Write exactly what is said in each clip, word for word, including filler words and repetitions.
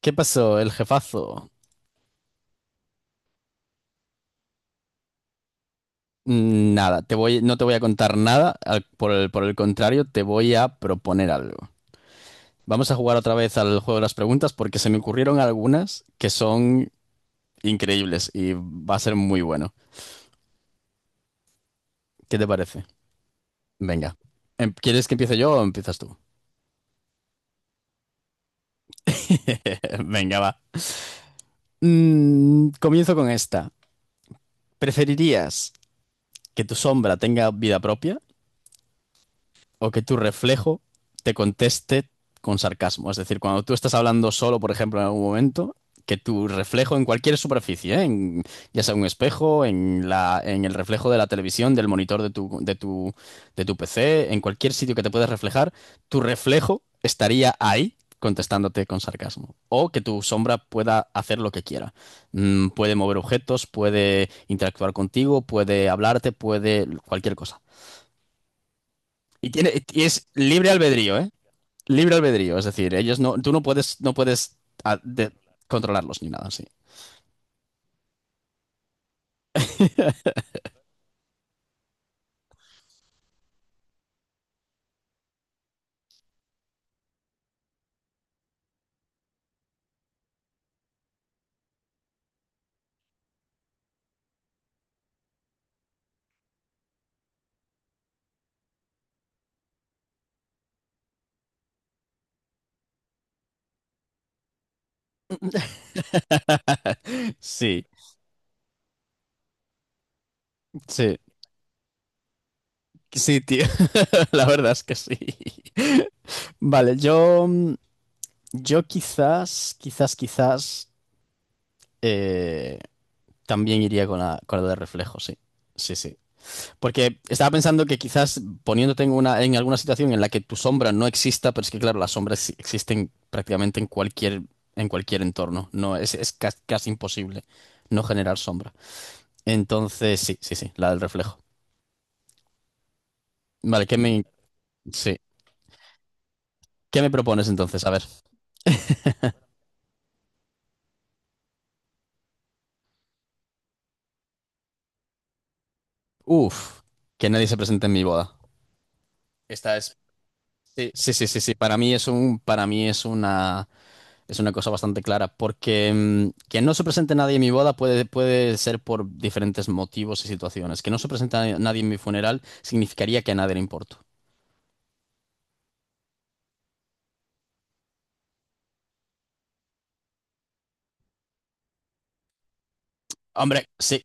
¿Qué pasó, el jefazo? Mm, Nada, te voy, no te voy a contar nada, al- por el, por el contrario, te voy a proponer algo. Vamos a jugar otra vez al juego de las preguntas porque se me ocurrieron algunas que son increíbles y va a ser muy bueno. ¿Qué te parece? Venga. Em, ¿Quieres que empiece yo o empiezas tú? Venga, va. Mm, comienzo con esta. ¿Preferirías que tu sombra tenga vida propia o que tu reflejo te conteste con sarcasmo? Es decir, cuando tú estás hablando solo, por ejemplo, en algún momento, que tu reflejo en cualquier superficie, ¿eh? En- ya sea un espejo, en la, en el reflejo de la televisión, del monitor de tu, de tu, de tu P C, en cualquier sitio que te puedas reflejar, tu reflejo estaría ahí contestándote con sarcasmo. O que tu sombra pueda hacer lo que quiera. Mm, puede mover objetos, puede interactuar contigo, puede hablarte, puede cualquier cosa. Y tiene, y es libre albedrío, ¿eh? Libre albedrío, es decir, ellos no, tú no puedes, no puedes ah, de- controlarlos ni nada, sí. Sí, sí, sí, tío. La verdad es que sí. Vale, yo, mm, yo quizás, quizás, quizás eh, también iría con la, con la de reflejo, sí. Sí, sí. Porque estaba pensando que quizás poniéndote en una, en alguna situación en la que tu sombra no exista, pero es que claro, las sombras sí existen prácticamente en cualquier, en cualquier entorno. No, es, es ca- casi imposible no generar sombra. Entonces, sí, sí, sí, la del reflejo. Vale, ¿qué me, sí. ¿Qué me propones entonces? A ver. Uf, que nadie se presente en mi boda. Esta es. Sí, sí, sí, sí, sí. Para mí es un, para mí es una. Es una cosa bastante clara, porque mm, que no se presente nadie en mi boda puede, puede ser por diferentes motivos y situaciones. Que no se presente a nadie en mi funeral significaría que a nadie le importo. Hombre, sí,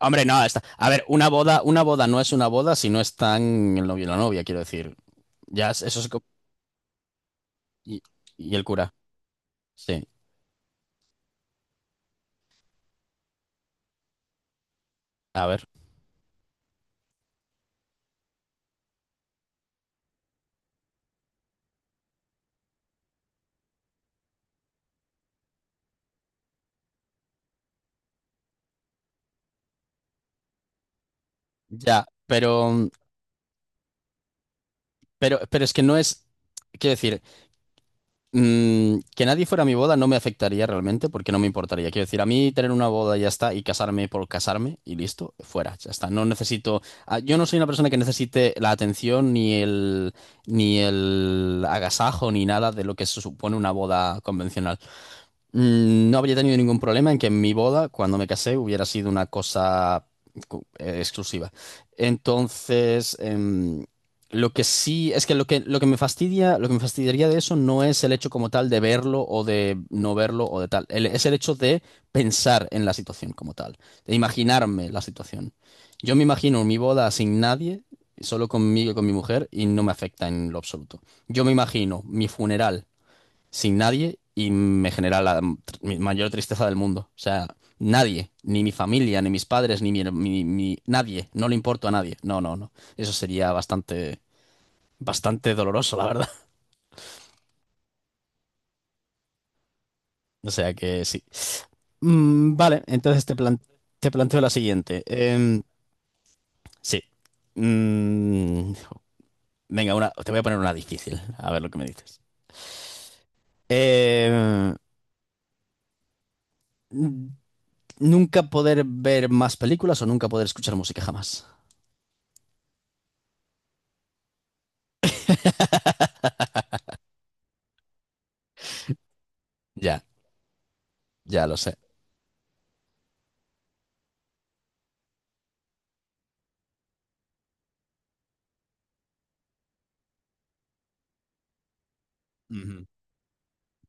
hombre, no, está. A ver, una boda, una boda no es una boda si no están el novio y la novia, quiero decir. Ya, es- eso es. co- Y, y el cura. Sí, a ver. Ya, pero, pero, pero es que no es. Quiero decir. Mm, que nadie fuera a mi boda no me afectaría realmente porque no me importaría. Quiero decir, a mí tener una boda ya está y casarme por casarme y listo, fuera, ya está. No necesito, ah, yo no soy una persona que necesite la atención ni el ni el agasajo ni nada de lo que se supone una boda convencional. Mm, No habría tenido ningún problema en que mi boda, cuando me casé, hubiera sido una cosa cu- eh, exclusiva. Entonces, em, lo que sí, es que lo que, lo que me fastidia, lo que me fastidiaría de eso no es el hecho como tal de verlo o de no verlo o de tal. El- es el hecho de pensar en la situación como tal, de imaginarme la situación. Yo me imagino mi boda sin nadie, solo conmigo y con mi mujer, y no me afecta en lo absoluto. Yo me imagino mi funeral sin nadie y me genera la tr- mi mayor tristeza del mundo. O sea, nadie, ni mi familia, ni mis padres, ni mi, her- mi- mi- nadie, no le importo a nadie. No, no, no. Eso sería bastante bastante doloroso, la verdad. O sea que sí. Mm, vale, entonces te, plan- te planteo la siguiente. Em, sí. Mm, Venga, una, te voy a poner una difícil, a ver lo que me dices. Em, n- Nunca poder ver más películas o nunca poder escuchar música jamás. Ya, ya lo sé. Ujú.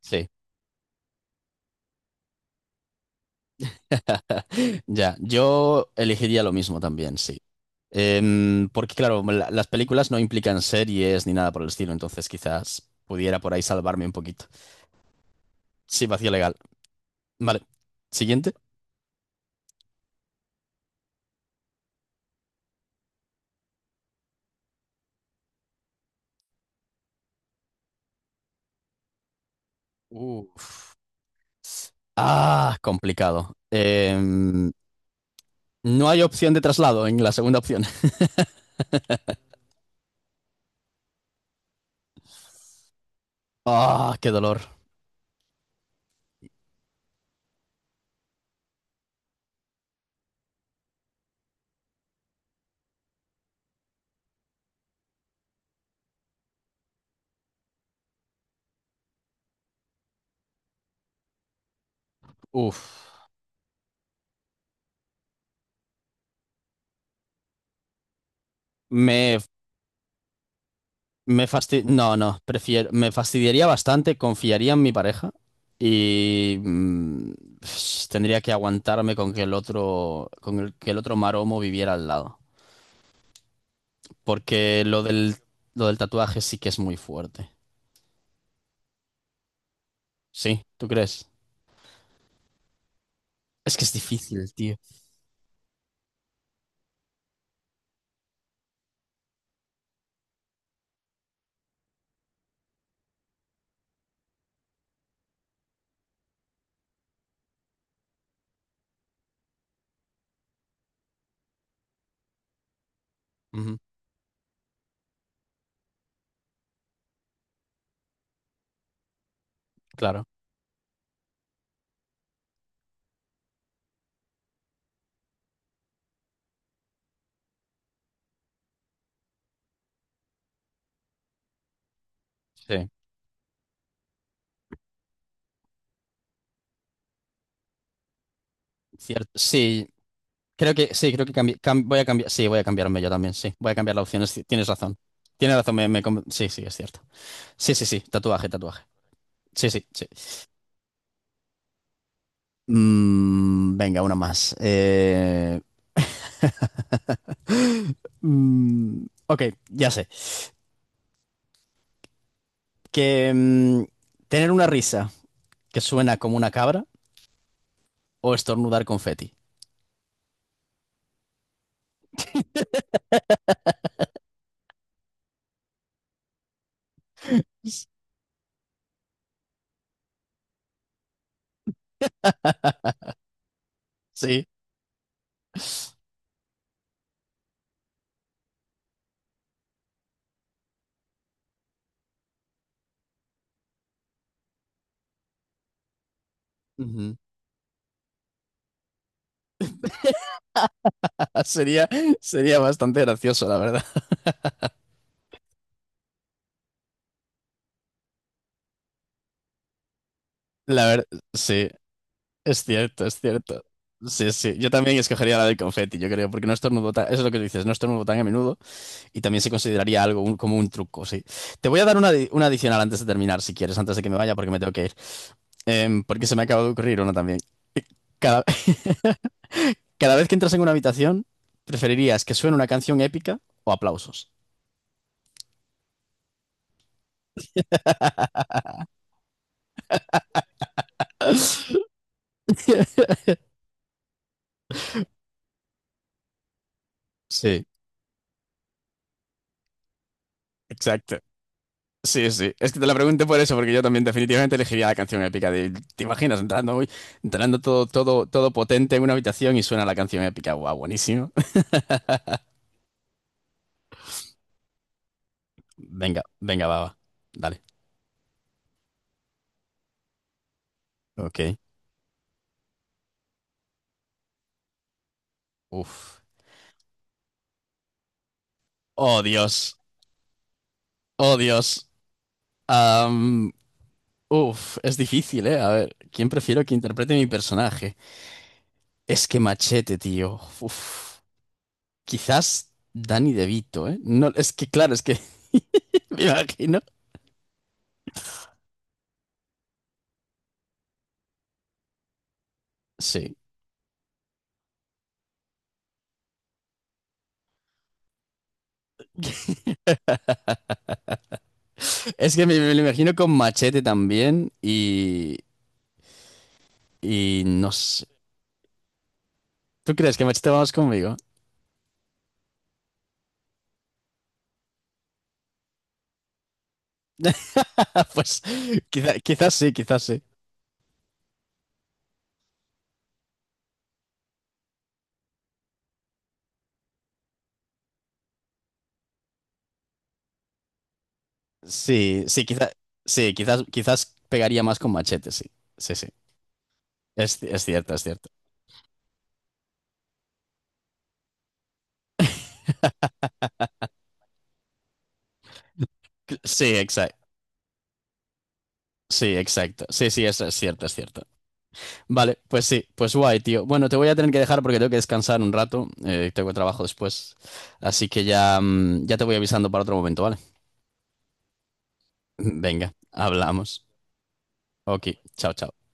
Sí, ya. Yo elegiría lo mismo también, sí. Em, porque claro, la- las películas no implican series ni nada por el estilo, entonces quizás pudiera por ahí salvarme un poquito. Sí, vacío legal. Vale. Siguiente. Uf. Ah, complicado. Em, no hay opción de traslado en la segunda opción. Ah, qué dolor. Uf. Me, me fasti- No, no. Prefiero. Me fastidiaría bastante. Confiaría en mi pareja. Y mm, tendría que aguantarme con que el otro. Con el- que el otro maromo viviera al lado. Porque lo del, lo del tatuaje sí que es muy fuerte. Sí, ¿tú crees? Es que es difícil, tío. Ujú. Claro, sí. Cierto. Sí, creo que sí, creo que cambi- cam- voy a cambiar. Sí, voy a cambiarme yo también, sí. Voy a cambiar la opción. es- Tienes razón. Tienes razón, me, me con- sí, sí, es cierto. Sí, sí, sí, tatuaje, tatuaje. Sí, sí, sí. Mm, venga, una más. Eh, mm, ok, ya sé. Que mm, tener una risa que suena como una cabra o estornudar confeti. Sí. Ujú. Sería, sería bastante gracioso, la verdad. La verdad, sí. Es cierto, es cierto. Sí, sí. Yo también escogería la del confeti, yo creo, porque no estornudo tan... Eso es lo que dices, no estornudo tan a menudo y también se consideraría algo un- como un truco, sí. Te voy a dar una, adi- una adicional antes de terminar, si quieres, antes de que me vaya, porque me tengo que ir. Em, porque se me acaba de ocurrir una también. Cada, cada vez que entras en una habitación, ¿preferirías que suene una canción épica o aplausos? Sí, exacto. Sí, sí. Es que te la pregunté por eso, porque yo también definitivamente elegiría la canción épica. De- ¿te imaginas entrando, uy, entrando todo, todo, todo potente en una habitación y suena la canción épica? Guau, buenísimo. Venga, venga, va, va. Dale. Ok. Uf. Oh, Dios. Oh, Dios. Am, uf, es difícil, ¿eh? A ver, ¿quién prefiero que interprete mi personaje? Es que Machete, tío. Uf. Quizás Danny DeVito, ¿eh? No, es que claro, es que me imagino. Sí. Es que me, me lo imagino con Machete también y, y no sé. ¿Tú crees que Machete vamos conmigo? Pues quizá- quizás sí, quizás sí. Sí, sí, quizá, sí, quizás, quizás pegaría más con Machete, sí. Sí, sí. Es, es cierto, es cierto. Sí, exacto. Sí, exacto. Sí, sí, eso es cierto, es cierto. Vale, pues sí, pues guay, tío. Bueno, te voy a tener que dejar porque tengo que descansar un rato. Eh, tengo trabajo después. Así que ya, mm, ya te voy avisando para otro momento, ¿vale? Venga, hablamos. Ok, chao, chao.